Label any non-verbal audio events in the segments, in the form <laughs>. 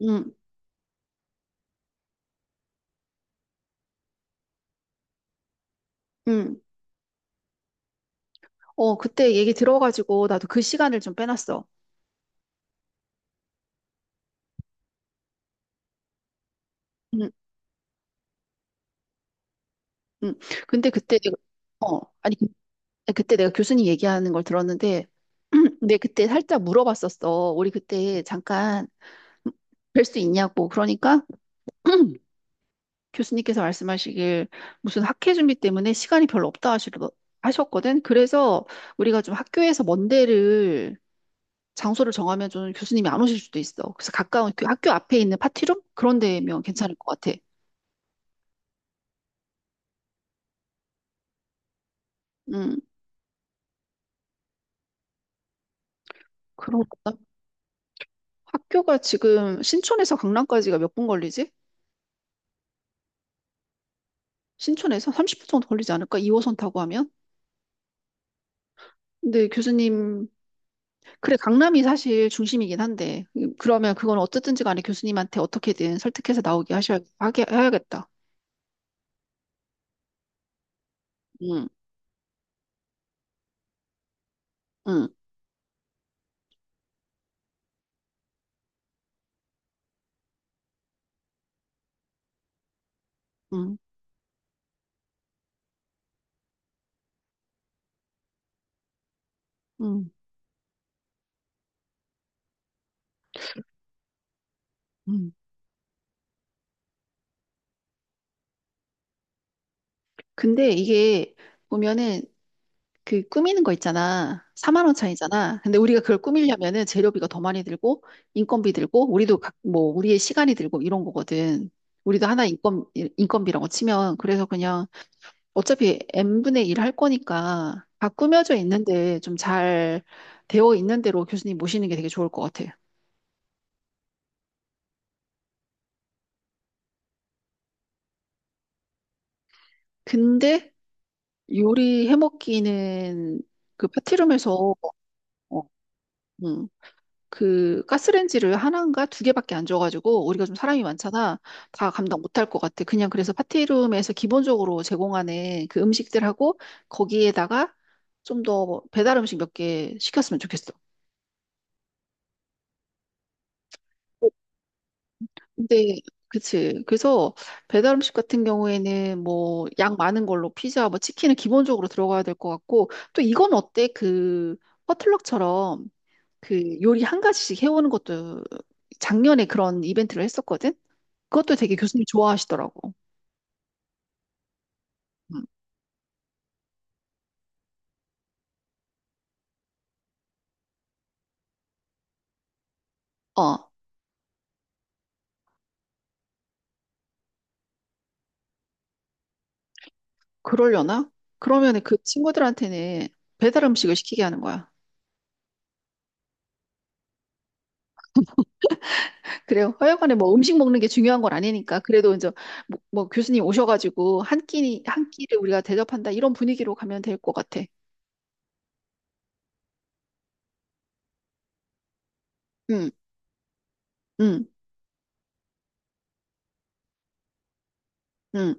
응. 응. 그때 얘기 들어가지고 나도 그 시간을 좀 빼놨어. 응. 응. 근데 그때, 내가- 어, 아니, 그때 내가 교수님 얘기하는 걸 들었는데, <clears throat> 근데 그때 살짝 물어봤었어. 우리 그때 잠깐 뵐 수 있냐고. 그러니까 <clears throat> 교수님께서 말씀하시길 무슨 학회 준비 때문에 시간이 별로 없다 하셨거든. 그래서 우리가 좀 학교에서 먼 데를 장소를 정하면 좀 교수님이 안 오실 수도 있어. 그래서 가까운 그 학교 앞에 있는 파티룸? 그런 데면 괜찮을 것 같아. 음, 그런 거다. 학교가 지금 신촌에서 강남까지가 몇 분 걸리지? 신촌에서 30분 정도 걸리지 않을까? 2호선 타고 하면? 근데 교수님, 그래, 강남이 사실 중심이긴 한데, 그러면 그건 어쨌든지 간에 교수님한테 어떻게든 설득해서 나오게 해야겠다. 응. 응. 응. 응. 응. 근데 이게 보면은 그 꾸미는 거 있잖아. 4만 원 차이잖아. 근데 우리가 그걸 꾸미려면은 재료비가 더 많이 들고 인건비 들고 우리도 뭐 우리의 시간이 들고 이런 거거든. 우리도 하나 인건 인건비라고 치면 그래서 그냥 어차피 n분의 1 할 거니까 다 꾸며져 있는데 좀 잘 되어 있는 대로 교수님 모시는 게 되게 좋을 것 같아. 근데 요리 해먹기는 그 파티룸에서 어, 음, 그 가스레인지를 하나인가 두 개밖에 안 줘가지고 우리가 좀 사람이 많잖아. 다 감당 못할 것 같아. 그냥 그래서 파티룸에서 기본적으로 제공하는 그 음식들하고 거기에다가 좀 더 배달 음식 몇 개 시켰으면 좋겠어. 근데 그치. 그래서 배달 음식 같은 경우에는 뭐 양 많은 걸로 피자, 뭐 치킨은 기본적으로 들어가야 될 것 같고 또 이건 어때? 그 퍼틀럭처럼 그 요리 한 가지씩 해오는 것도 작년에 그런 이벤트를 했었거든. 그것도 되게 교수님 좋아하시더라고. 음. 어, 그러려나? 그러면 그 친구들한테는 배달 음식을 시키게 하는 거야. 그래요. 하여간에 뭐 음식 먹는 게 중요한 건 아니니까. 그래도 이제 뭐 교수님 오셔가지고 한 끼를 우리가 대접한다. 이런 분위기로 가면 될 것 같아. 응. 응. 응.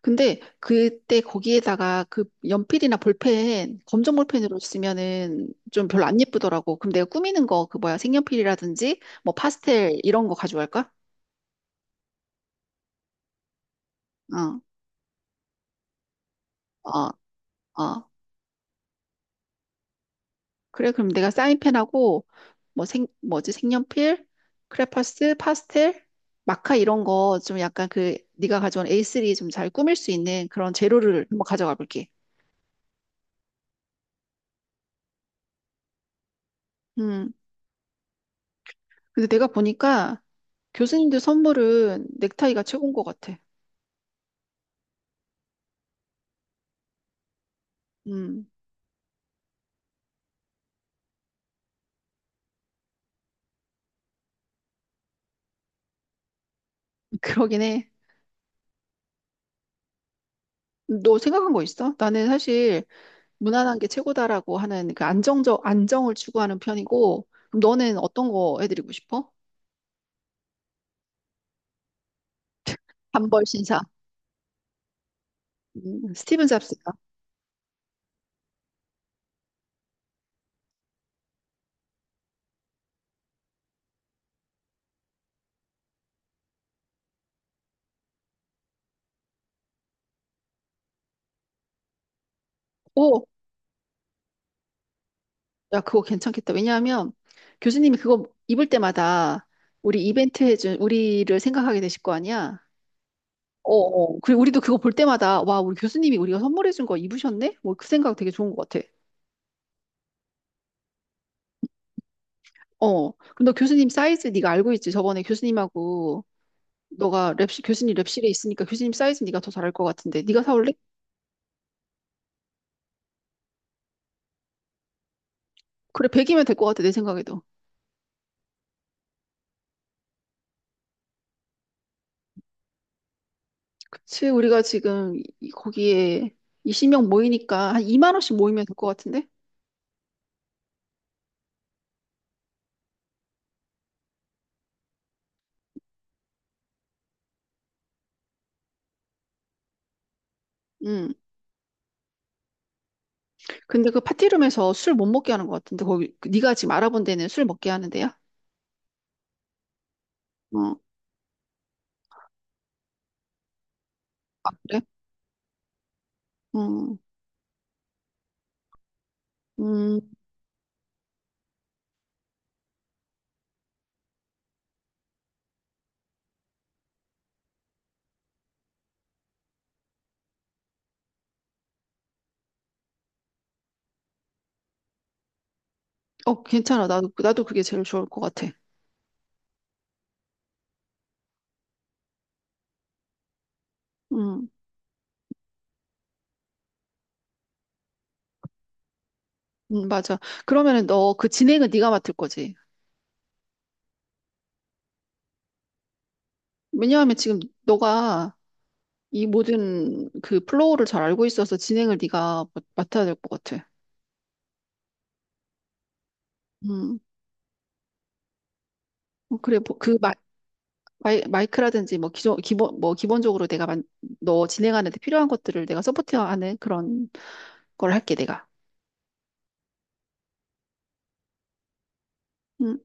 근데 그때 거기에다가 그 연필이나 볼펜, 검정 볼펜으로 쓰면은 좀 별로 안 예쁘더라고. 그럼 내가 꾸미는 거, 그 뭐야, 색연필이라든지 뭐 파스텔 이런 거 가져갈까? 어. 어. 어. 그래, 그럼 내가 사인펜하고, 뭐지, 색연필, 크레파스, 파스텔, 마카 이런 거 좀 약간 그, 네가 가져온 A3 좀 잘 꾸밀 수 있는 그런 재료를 한번 가져가 볼게. 음, 근데 내가 보니까 교수님들 선물은 넥타이가 최고인 것 같아. 음, <laughs> 그러긴 해. 너 생각한 거 있어? 나는 사실 무난한 게 최고다라고 하는 그 안정을 추구하는 편이고, 그럼 너는 어떤 거 해드리고 싶어? 단벌 신사. 스티븐 잡스다. 오, 야, 그거 괜찮겠다. 왜냐하면 교수님이 그거 입을 때마다 우리 이벤트 해준 우리를 생각하게 되실 거 아니야? 어. 어. 그리고 우리도 그거 볼 때마다 와, 우리 교수님이 우리가 선물해준 거 입으셨네? 뭐 그 생각 되게 좋은 것 같아. 어. 근데 너 교수님 사이즈 네가 알고 있지? 저번에 교수님하고 너가 랩실 교수님 랩실에 있으니까 교수님 사이즈 네가 더 잘 알 것 같은데 네가 사올래? 그래, 100이면 될 것 같아 내 생각에도. 그치? 우리가 지금 거기에 20명 모이니까 한 2만 원씩 모이면 될 것 같은데? 응. 근데 그 파티룸에서 술 못 먹게 하는 것 같은데 거기 그 네가 지금 알아본 데는 술 먹게 하는데요? 어, 아, 그래? 음, 음, 어, 괜찮아. 나도 그게 제일 좋을 것 같아. 음, 맞아. 그러면은 너 그 진행은 네가 맡을 거지. 왜냐하면 지금 너가 이 모든 그 플로우를 잘 알고 있어서 진행을 네가 맡아야 될 것 같아. 음, 그래. 뭐, 그 마이크라든지 뭐 기본적으로 너 진행하는 데 필요한 것들을 내가 서포트하는 그런 걸 할게 내가. 음.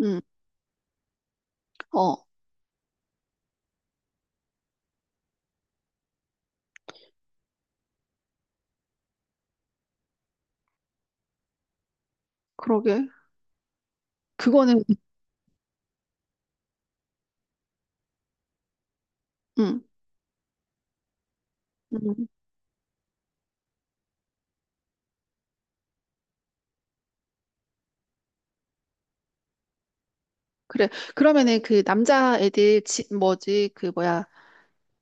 음, 어, 그러게. 그거는, 음, 음, 그래. 그러면은 그 남자 애들, 집 뭐지, 그 뭐야,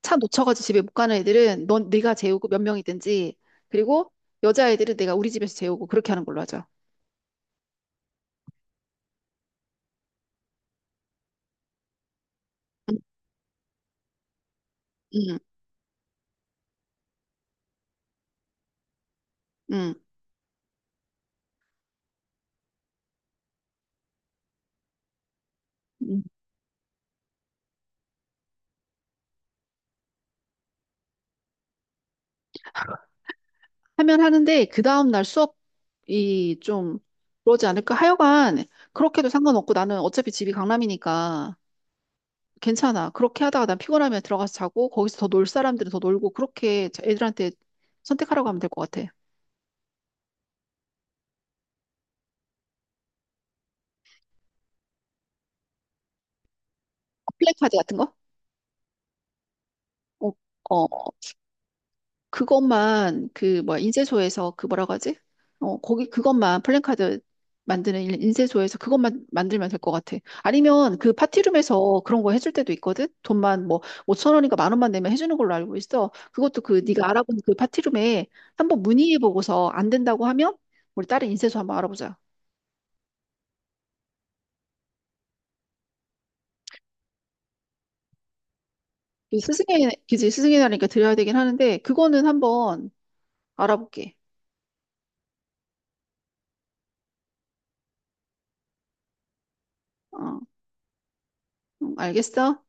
차 놓쳐가지고 집에 못 가는 애들은 넌 네가 재우고 몇 명이든지, 그리고 여자 애들은 내가 우리 집에서 재우고 그렇게 하는 걸로 하자. 음. 음. 음. 음. 하면 하는데 그 다음 날 수업이 좀 그러지 않을까? 하여간 그렇게도 상관없고 나는 어차피 집이 강남이니까. 괜찮아. 그렇게 하다가 난 피곤하면 들어가서 자고 거기서 더 놀 사람들은 더 놀고 그렇게 애들한테 선택하라고 하면 될 것 같아. 플랜카드 같은 거? 어. 어. 그것만 그 뭐야 인쇄소에서 그 뭐라고 하지? 어. 거기 그것만 플랜카드 만드는 인쇄소에서 그것만 만들면 될 것 같아. 아니면 그 파티룸에서 그런 거 해줄 때도 있거든. 돈만 뭐 5천 원인가 만 원만 내면 해주는 걸로 알고 있어. 그것도 그 네가 알아본 그 파티룸에 한번 문의해보고서 안 된다고 하면 우리 다른 인쇄소 한번 알아보자. 그지, 스승의 날이니까 드려야 되긴 하는데, 그거는 한번 알아볼게. 어, 알겠어?